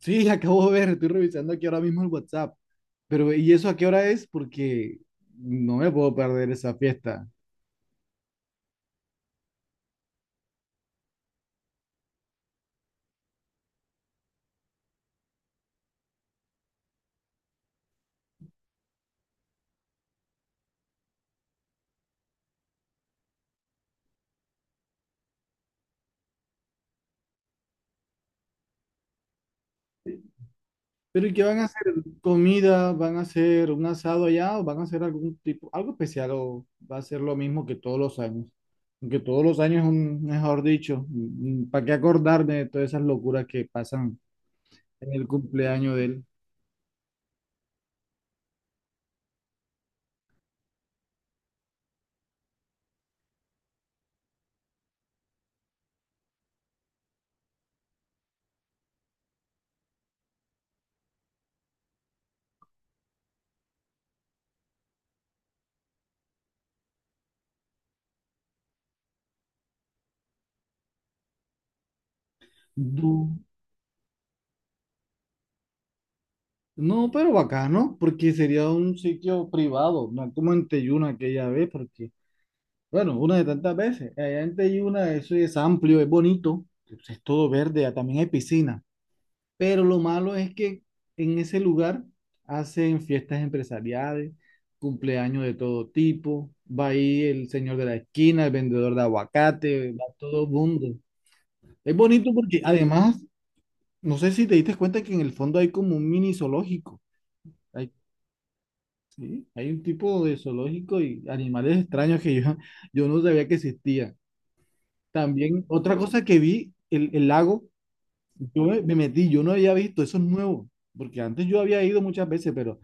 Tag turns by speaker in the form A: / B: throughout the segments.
A: Sí, acabo de ver, estoy revisando aquí ahora mismo el WhatsApp. Pero, ¿y eso a qué hora es? Porque no me puedo perder esa fiesta. Pero, ¿y qué van a hacer? ¿Comida? ¿Van a hacer un asado allá? ¿O van a hacer algún tipo, algo especial? ¿O va a ser lo mismo que todos los años? Aunque todos los años, es un, mejor dicho, ¿para qué acordarme de todas esas locuras que pasan en el cumpleaños de él? Du- No, pero bacano, porque sería un sitio privado, no como en Teyuna aquella vez, porque bueno, una de tantas veces. Allá en Teyuna eso es amplio, es bonito, es todo verde, ah, también hay piscina. Pero lo malo es que en ese lugar hacen fiestas empresariales, cumpleaños de todo tipo. Va ahí el señor de la esquina, el vendedor de aguacate, va todo el mundo. Es bonito porque además, no sé si te diste cuenta que en el fondo hay como un mini zoológico. Hay, sí, hay un tipo de zoológico y animales extraños que yo, yo no sabía que existían. También, otra cosa que vi, el lago, yo me metí, yo no había visto, eso es nuevo, porque antes yo había ido muchas veces, pero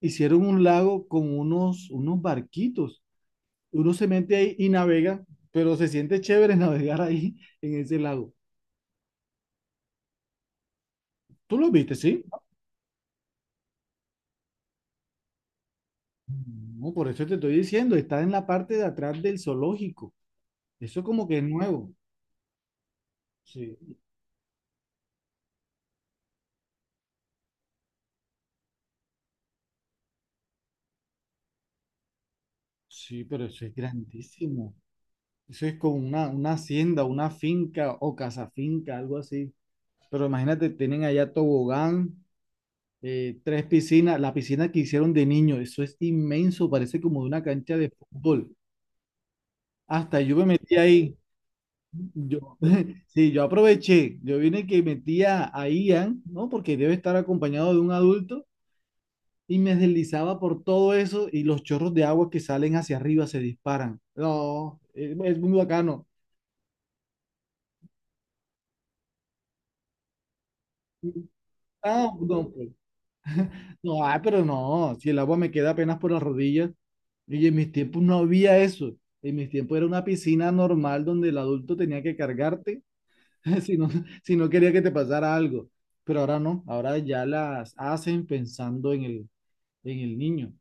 A: hicieron un lago con unos barquitos. Uno se mete ahí y navega, pero se siente chévere navegar ahí en ese lago. ¿Tú lo viste, sí? No, por eso te estoy diciendo, está en la parte de atrás del zoológico. Eso como que es nuevo. Sí, sí, pero eso es grandísimo. Eso es como una hacienda, una finca o casa finca, algo así. Pero imagínate, tienen allá tobogán, tres piscinas, la piscina que hicieron de niño, eso es inmenso, parece como de una cancha de fútbol. Hasta yo me metí ahí. Yo, sí, yo aproveché, yo vine que metía a Ian, ¿no? Porque debe estar acompañado de un adulto y me deslizaba por todo eso y los chorros de agua que salen hacia arriba se disparan. No, es muy bacano. Ah, no, pues, no, ay, pero no, si el agua me queda apenas por las rodillas. Y en mis tiempos no había eso. En mis tiempos era una piscina normal donde el adulto tenía que cargarte si no, si no quería que te pasara algo. Pero ahora no, ahora ya las hacen pensando en en el niño.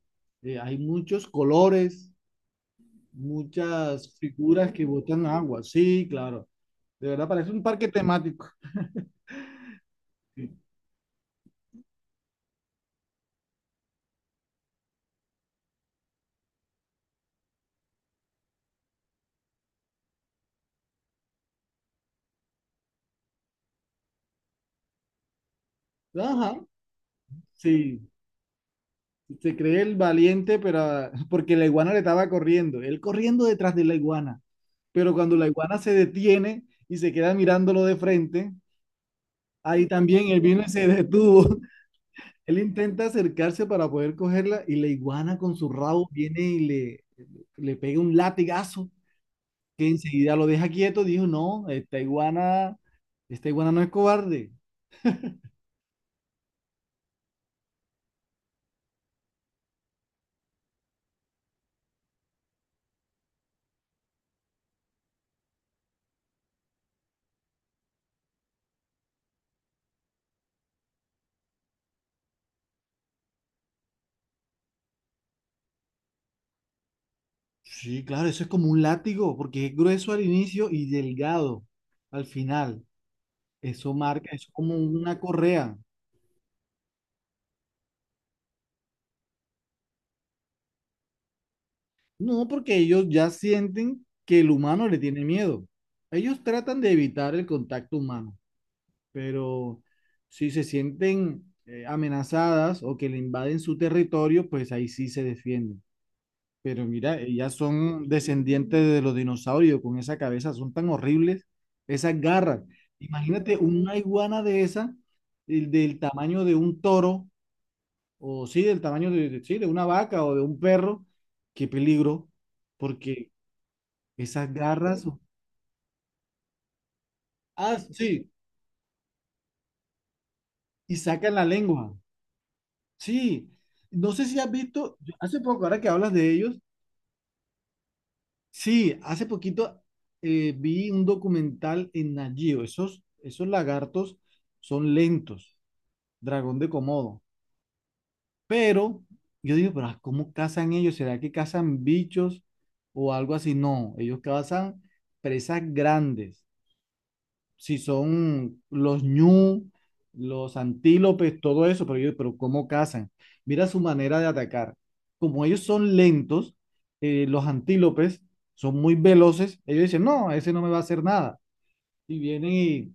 A: Hay muchos colores, muchas figuras que botan agua. Sí, claro. De verdad parece un parque temático. Ajá, sí. Se cree el valiente, pero porque la iguana le estaba corriendo, él corriendo detrás de la iguana. Pero cuando la iguana se detiene y se queda mirándolo de frente, ahí también él vino y se detuvo. Él intenta acercarse para poder cogerla y la iguana con su rabo viene y le pega un latigazo que enseguida lo deja quieto. Dijo, no, esta iguana no es cobarde. Sí, claro, eso es como un látigo porque es grueso al inicio y delgado al final. Eso marca, es como una correa. No, porque ellos ya sienten que el humano le tiene miedo. Ellos tratan de evitar el contacto humano, pero si se sienten amenazadas o que le invaden su territorio, pues ahí sí se defienden. Pero mira, ellas son descendientes de los dinosaurios, con esa cabeza, son tan horribles esas garras. Imagínate una iguana de esa, el del tamaño de un toro o sí, del tamaño de, sí, de una vaca o de un perro, qué peligro, porque esas garras, ah, sí, y sacan la lengua, sí, no sé si has visto, hace poco, ahora que hablas de ellos, sí, hace poquito vi un documental en Nat Geo, esos, esos lagartos son lentos, dragón de Komodo, pero yo digo, pero ah, ¿cómo cazan ellos? ¿Será que cazan bichos o algo así? No, ellos cazan presas grandes. Si son los ñu, los antílopes, todo eso, pero yo, pero ¿cómo cazan? Mira su manera de atacar. Como ellos son lentos, los antílopes son muy veloces, ellos dicen, no, ese no me va a hacer nada. Y vienen y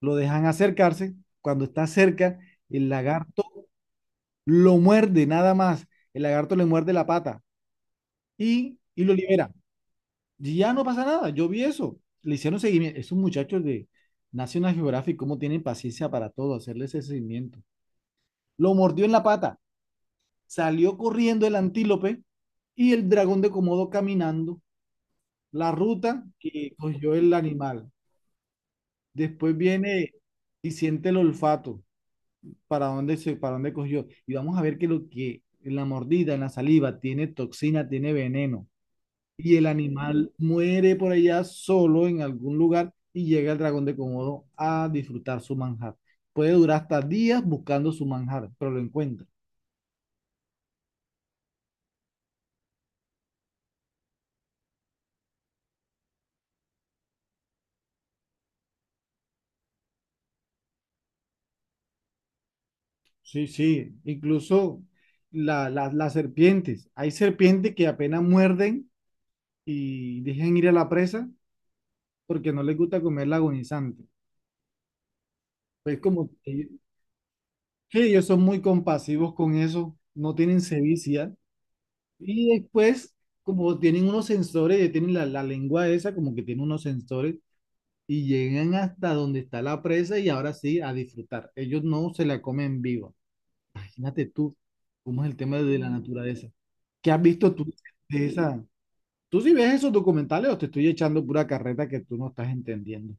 A: lo dejan acercarse. Cuando está cerca, el lagarto lo muerde nada más. El lagarto le muerde la pata y lo libera. Y ya no pasa nada, yo vi eso. Le hicieron seguimiento. Esos muchachos de National Geographic, ¿cómo tienen paciencia para todo? Hacerles ese seguimiento. Lo mordió en la pata, salió corriendo el antílope y el dragón de Komodo caminando la ruta que cogió el animal. Después viene y siente el olfato para dónde se, para dónde cogió. Y vamos a ver que lo que en la mordida, en la saliva, tiene toxina, tiene veneno. Y el animal muere por allá solo en algún lugar y llega el dragón de Komodo a disfrutar su manjar. Puede durar hasta días buscando su manjar, pero lo encuentra. Sí, sí, incluso las serpientes. Hay serpientes que apenas muerden y dejan ir a la presa porque no les gusta comer la agonizante. Pues como que ellos son muy compasivos con eso, no tienen sevicia. Y después, como tienen unos sensores, ya tienen la lengua esa, como que tiene unos sensores, y llegan hasta donde está la presa y ahora sí a disfrutar. Ellos no se la comen viva. Imagínate tú cómo es el tema de la naturaleza. ¿Qué has visto tú de esa? ¿Tú sí ves esos documentales o te estoy echando pura carreta que tú no estás entendiendo?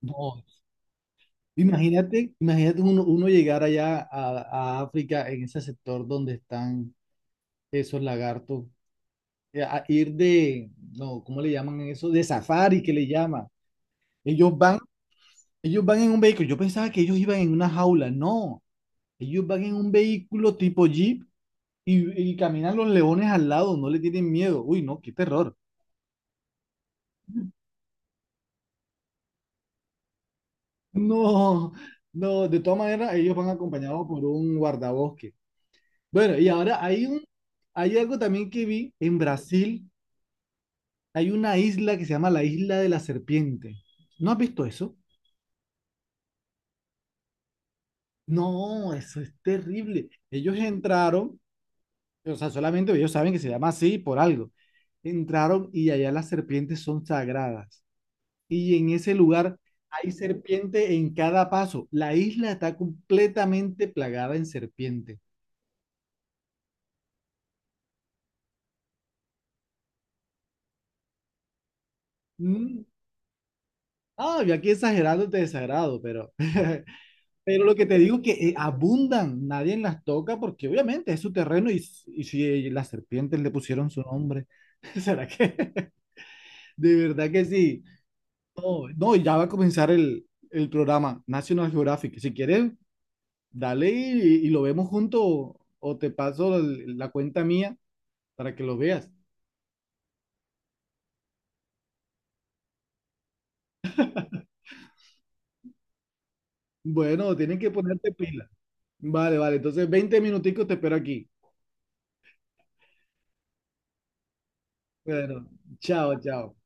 A: No, imagínate, imagínate uno, uno llegar allá a África en ese sector donde están esos lagartos a ir de, no, ¿cómo le llaman eso? De safari, que le llaman. Ellos van, ellos van en un vehículo. Yo pensaba que ellos iban en una jaula. No, ellos van en un vehículo tipo Jeep y caminan los leones al lado, no le tienen miedo. Uy, no, qué terror. No, no, de todas maneras, ellos van acompañados por un guardabosque. Bueno, y ahora hay un, hay algo también que vi en Brasil. Hay una isla que se llama la Isla de la Serpiente. ¿No has visto eso? No, eso es terrible. Ellos entraron, o sea, solamente ellos saben que se llama así por algo. Entraron y allá las serpientes son sagradas. Y en ese lugar hay serpiente en cada paso. La isla está completamente plagada en serpiente. Mm, ah, yo aquí exagerando te desagrado, pero, pero lo que te digo es que abundan, nadie las toca porque obviamente es su terreno y y si las serpientes le pusieron su nombre, ¿será que? De verdad que sí. No, no, y ya va a comenzar el programa National Geographic. Si quieres, dale y lo vemos juntos o te paso la cuenta mía para que lo veas. Bueno, tienen que ponerte pila. Vale, vale. Entonces, 20 minuticos te espero aquí. Bueno, chao, chao.